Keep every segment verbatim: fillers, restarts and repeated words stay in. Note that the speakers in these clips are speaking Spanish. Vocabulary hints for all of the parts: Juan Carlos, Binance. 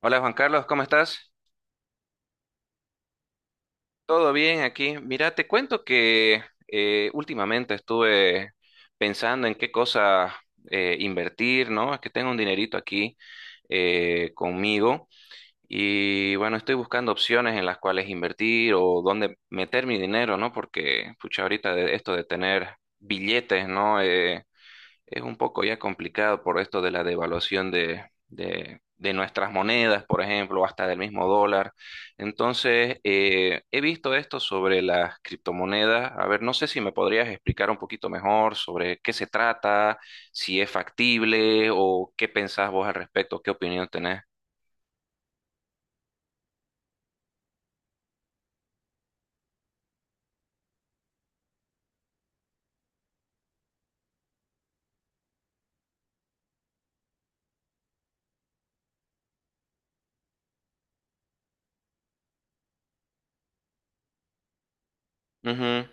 Hola Juan Carlos, ¿cómo estás? ¿Todo bien aquí? Mira, te cuento que eh, últimamente estuve pensando en qué cosa eh, invertir, ¿no? Es que tengo un dinerito aquí eh, conmigo y bueno, estoy buscando opciones en las cuales invertir o dónde meter mi dinero, ¿no? Porque, pucha, ahorita de esto de tener billetes, ¿no? Eh, es un poco ya complicado por esto de la devaluación de, de- de nuestras monedas, por ejemplo, o hasta del mismo dólar. Entonces, eh, he visto esto sobre las criptomonedas. A ver, no sé si me podrías explicar un poquito mejor sobre qué se trata, si es factible o qué pensás vos al respecto, qué opinión tenés. Ujú,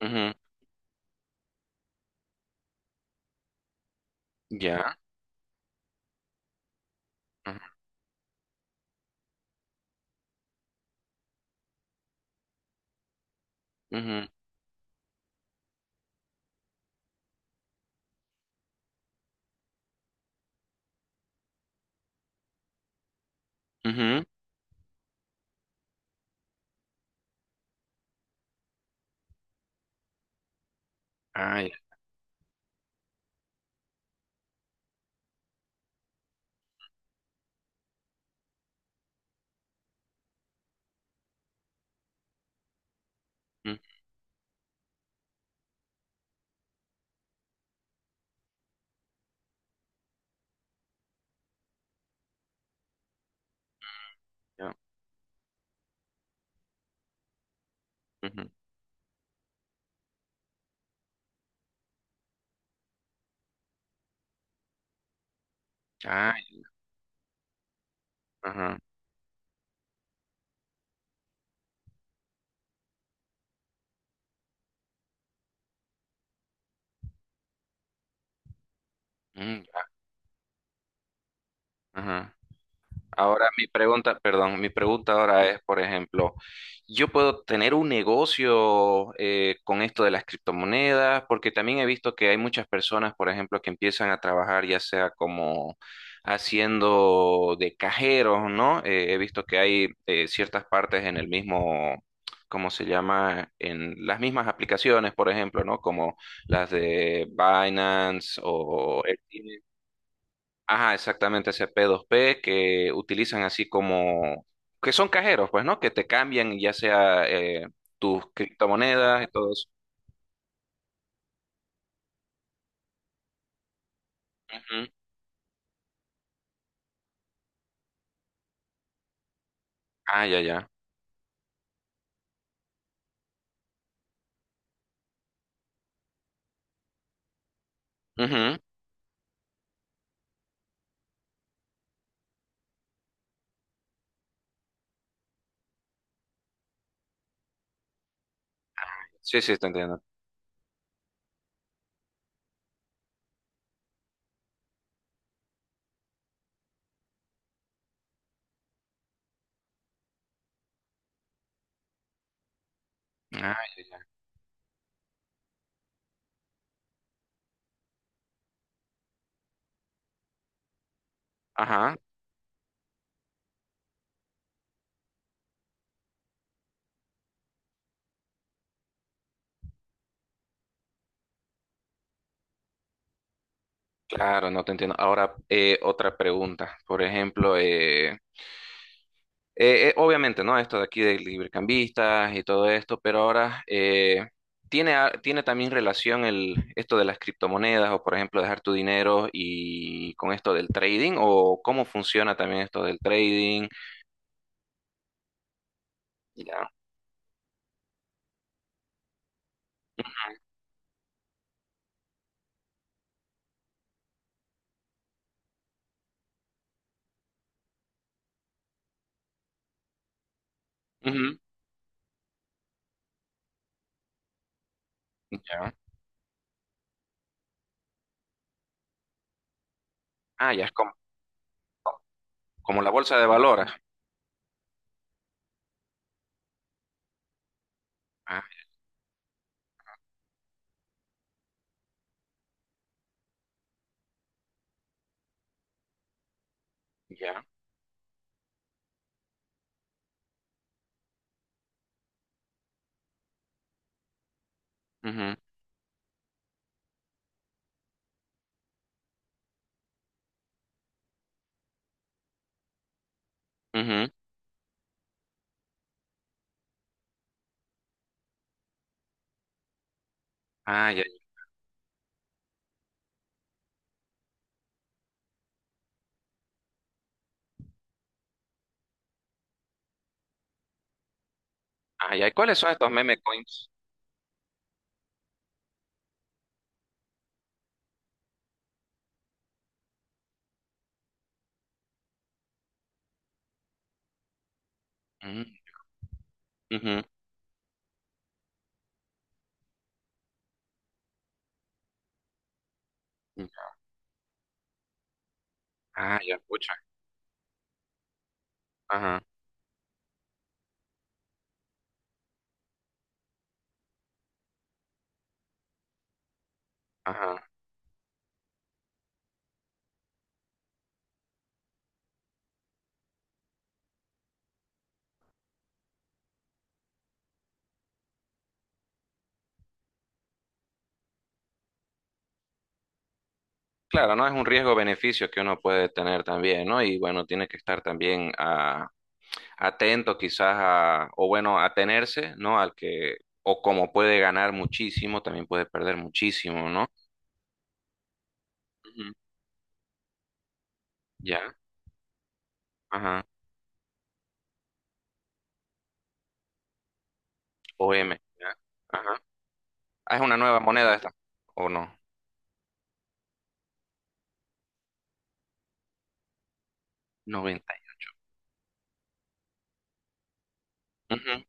ujú, ya. Ujú, ujú, ujú. Ah, ya. Mm, ya, ujú. Ah, ya, ajá, mm, ya, ajá. Ahora mi pregunta, perdón, mi pregunta ahora es, por ejemplo, ¿yo puedo tener un negocio eh, con esto de las criptomonedas? Porque también he visto que hay muchas personas, por ejemplo, que empiezan a trabajar ya sea como haciendo de cajeros, ¿no? Eh, he visto que hay eh, ciertas partes en el mismo, ¿cómo se llama? En las mismas aplicaciones, por ejemplo, ¿no? Como las de Binance o... Ajá, exactamente, ese P dos P que utilizan así como, que son cajeros, pues, ¿no? Que te cambian ya sea eh, tus criptomonedas y todo eso. Ujú. Ah, ya, ya. Ujú. Sí, sí, te entiendo. Ah, ya, ya. Ajá, claro, no te entiendo. Ahora, eh, otra pregunta. Por ejemplo, eh, Eh, eh, obviamente, ¿no? Esto de aquí de librecambistas y todo esto, pero ahora eh, tiene, a- tiene también relación el, esto de las criptomonedas o, por ejemplo, dejar tu dinero y con esto del trading o cómo funciona también esto del trading. Ya. Ujú, ya. Ah, ya es como, como la bolsa de valores. Ah, ya. Ujú, ujú. Ah, ya. Ah, ya. ¿Y cuáles son estos meme coins? Ujú, ujú. Ah, ya, escucha. Ajá, ajá. Claro, no es un riesgo-beneficio que uno puede tener también, ¿no? Y bueno, tiene que estar también ah, atento quizás a, o bueno, atenerse, ¿no? Al que, o como puede ganar muchísimo, también puede perder muchísimo, ¿no? Ujú. Ya, ajá, O M. Ya, ajá. Ah, es una nueva moneda esta, ¿o no? Noventa. Ujú.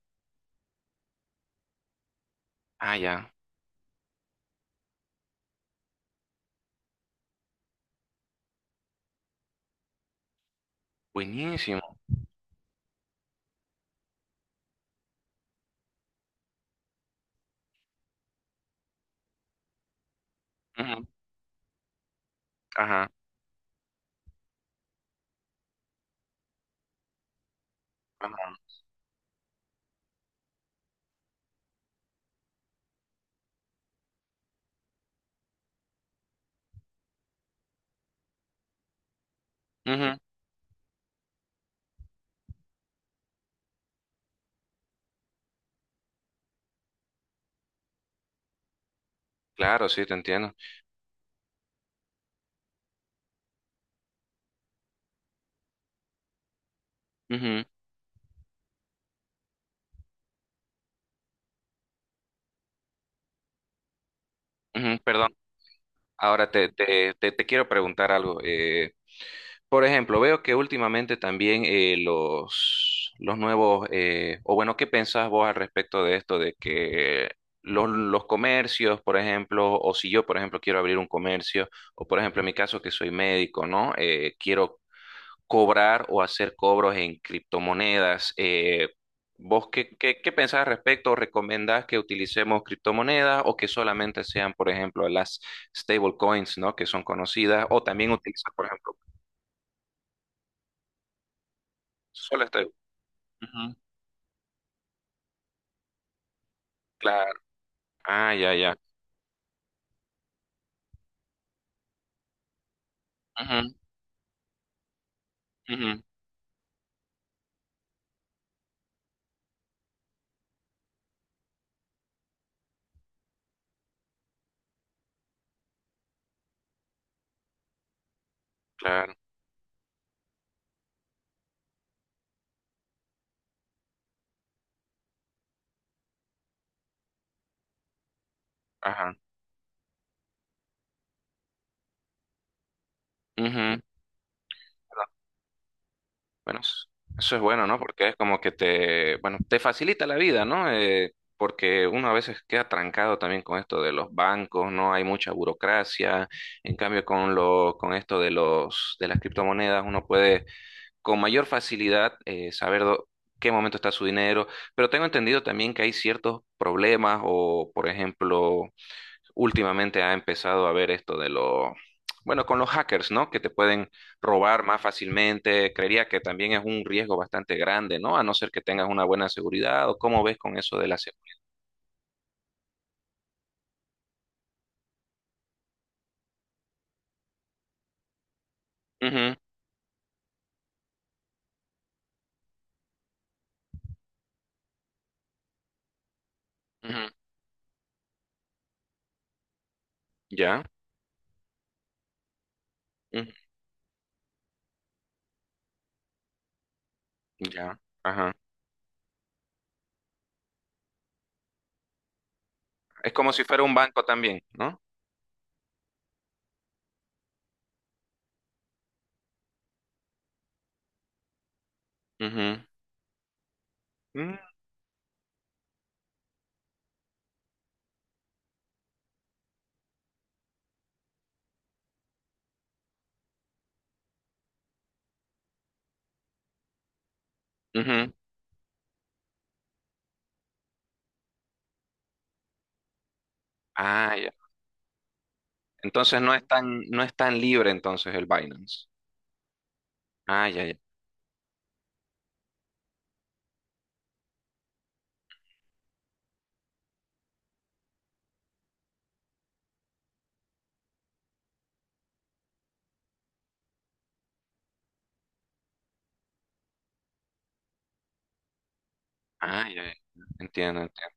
Ah, ya, buenísimo. Ujú. Ajá, ajá. Ujú. Claro, sí, te entiendo. Ujú, ujú, perdón, ahora te, te, te, te quiero preguntar algo. eh, Por ejemplo, veo que últimamente también eh, los, los nuevos, eh, o bueno, ¿qué pensás vos al respecto de esto de que los, los comercios, por ejemplo, o si yo, por ejemplo, quiero abrir un comercio, o por ejemplo, en mi caso que soy médico, ¿no? Eh, quiero cobrar o hacer cobros en criptomonedas. Eh, ¿vos qué, qué, qué pensás al respecto? ¿Recomendás que utilicemos criptomonedas o que solamente sean, por ejemplo, las stablecoins, ¿no? Que son conocidas, o también utilizar, por ejemplo, solo. Ujú, claro. Ah, ya, ya. Ujú, ujú, claro. Ajá. Ujú. Bueno, bueno, eso eso es bueno, ¿no? Porque es como que te, bueno, te facilita la vida, ¿no? Eh, porque uno a veces queda trancado también con esto de los bancos, ¿no? Hay mucha burocracia. En cambio, con lo, con esto de los, de las criptomonedas, uno puede con mayor facilidad eh, saber dó- qué momento está su dinero. Pero tengo entendido también que hay ciertos problemas o, por ejemplo, últimamente ha empezado a ver esto de lo, bueno, con los hackers, ¿no? Que te pueden robar más fácilmente. Creería que también es un riesgo bastante grande, ¿no? A no ser que tengas una buena seguridad o cómo ves con eso de la seguridad. Ya, ujú, ya, ajá. Es como si fuera un banco también, ¿no? Ujú, mm, ujú. Ah, ya. Entonces no es tan, no es tan libre entonces el Binance. Ah, ya, ya. Ah, ya, ya. Entiendo, entiendo.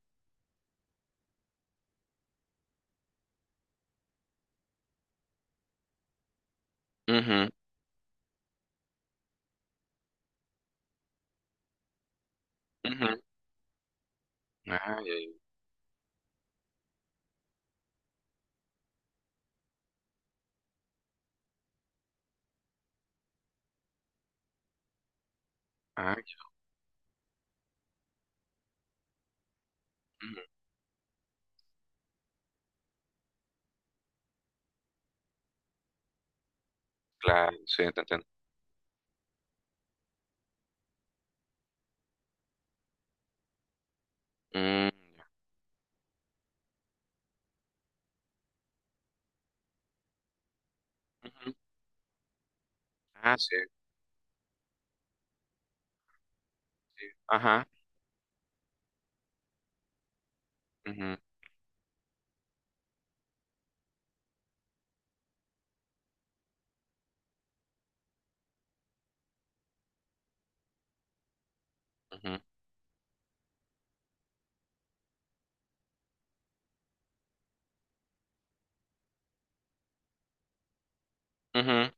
Ujú, ujú. Ah, ya, ya. Ah, ya. Claro, sí, te entiendo. Mm, ya. Ujú. Ah, sí, sí. Ajá. Ujú, ujú, ujú.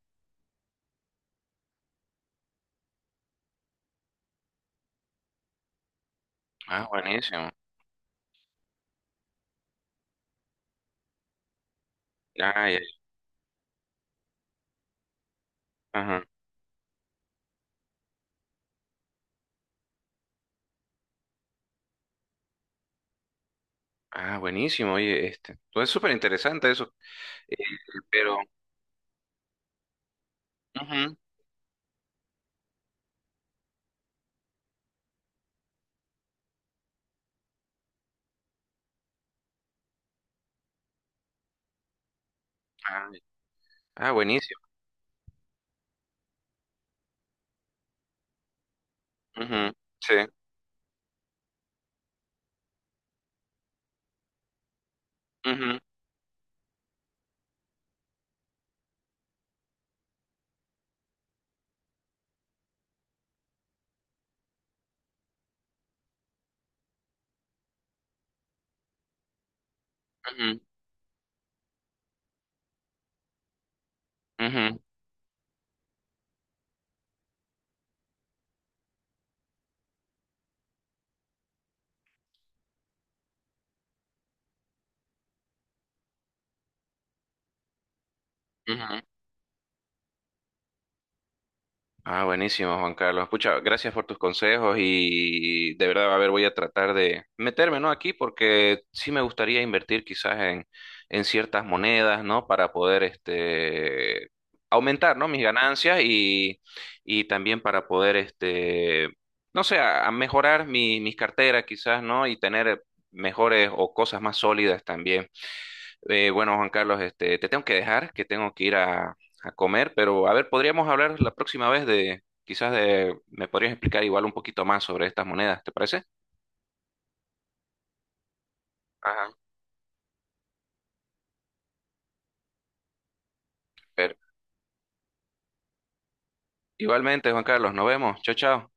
Ah, buenísimo. Ah, ya, ya. Ajá. Ah, buenísimo, oye, este. Pues es súper interesante eso. Eh, pero, ujú. Ah, ah, buenísimo. Ujú, sí. Ujú, ujú, ujú, ujú, ah, buenísimo, Juan Carlos. Pucha, gracias por tus consejos y de verdad, a ver, voy a tratar de meterme, ¿no? Aquí porque sí me gustaría invertir quizás en, en ciertas monedas, ¿no? Para poder, este, aumentar, ¿no? Mis ganancias y, y también para poder, este, no sé, a, a mejorar mi, mis carteras quizás, ¿no? Y tener mejores o cosas más sólidas también. Eh, bueno, Juan Carlos, este, te tengo que dejar, que tengo que ir a a comer, pero a ver, podríamos hablar la próxima vez de, quizás de, me podrías explicar igual un poquito más sobre estas monedas, ¿te parece? Ajá. Pero igualmente, Juan Carlos, nos vemos. Chao, chao.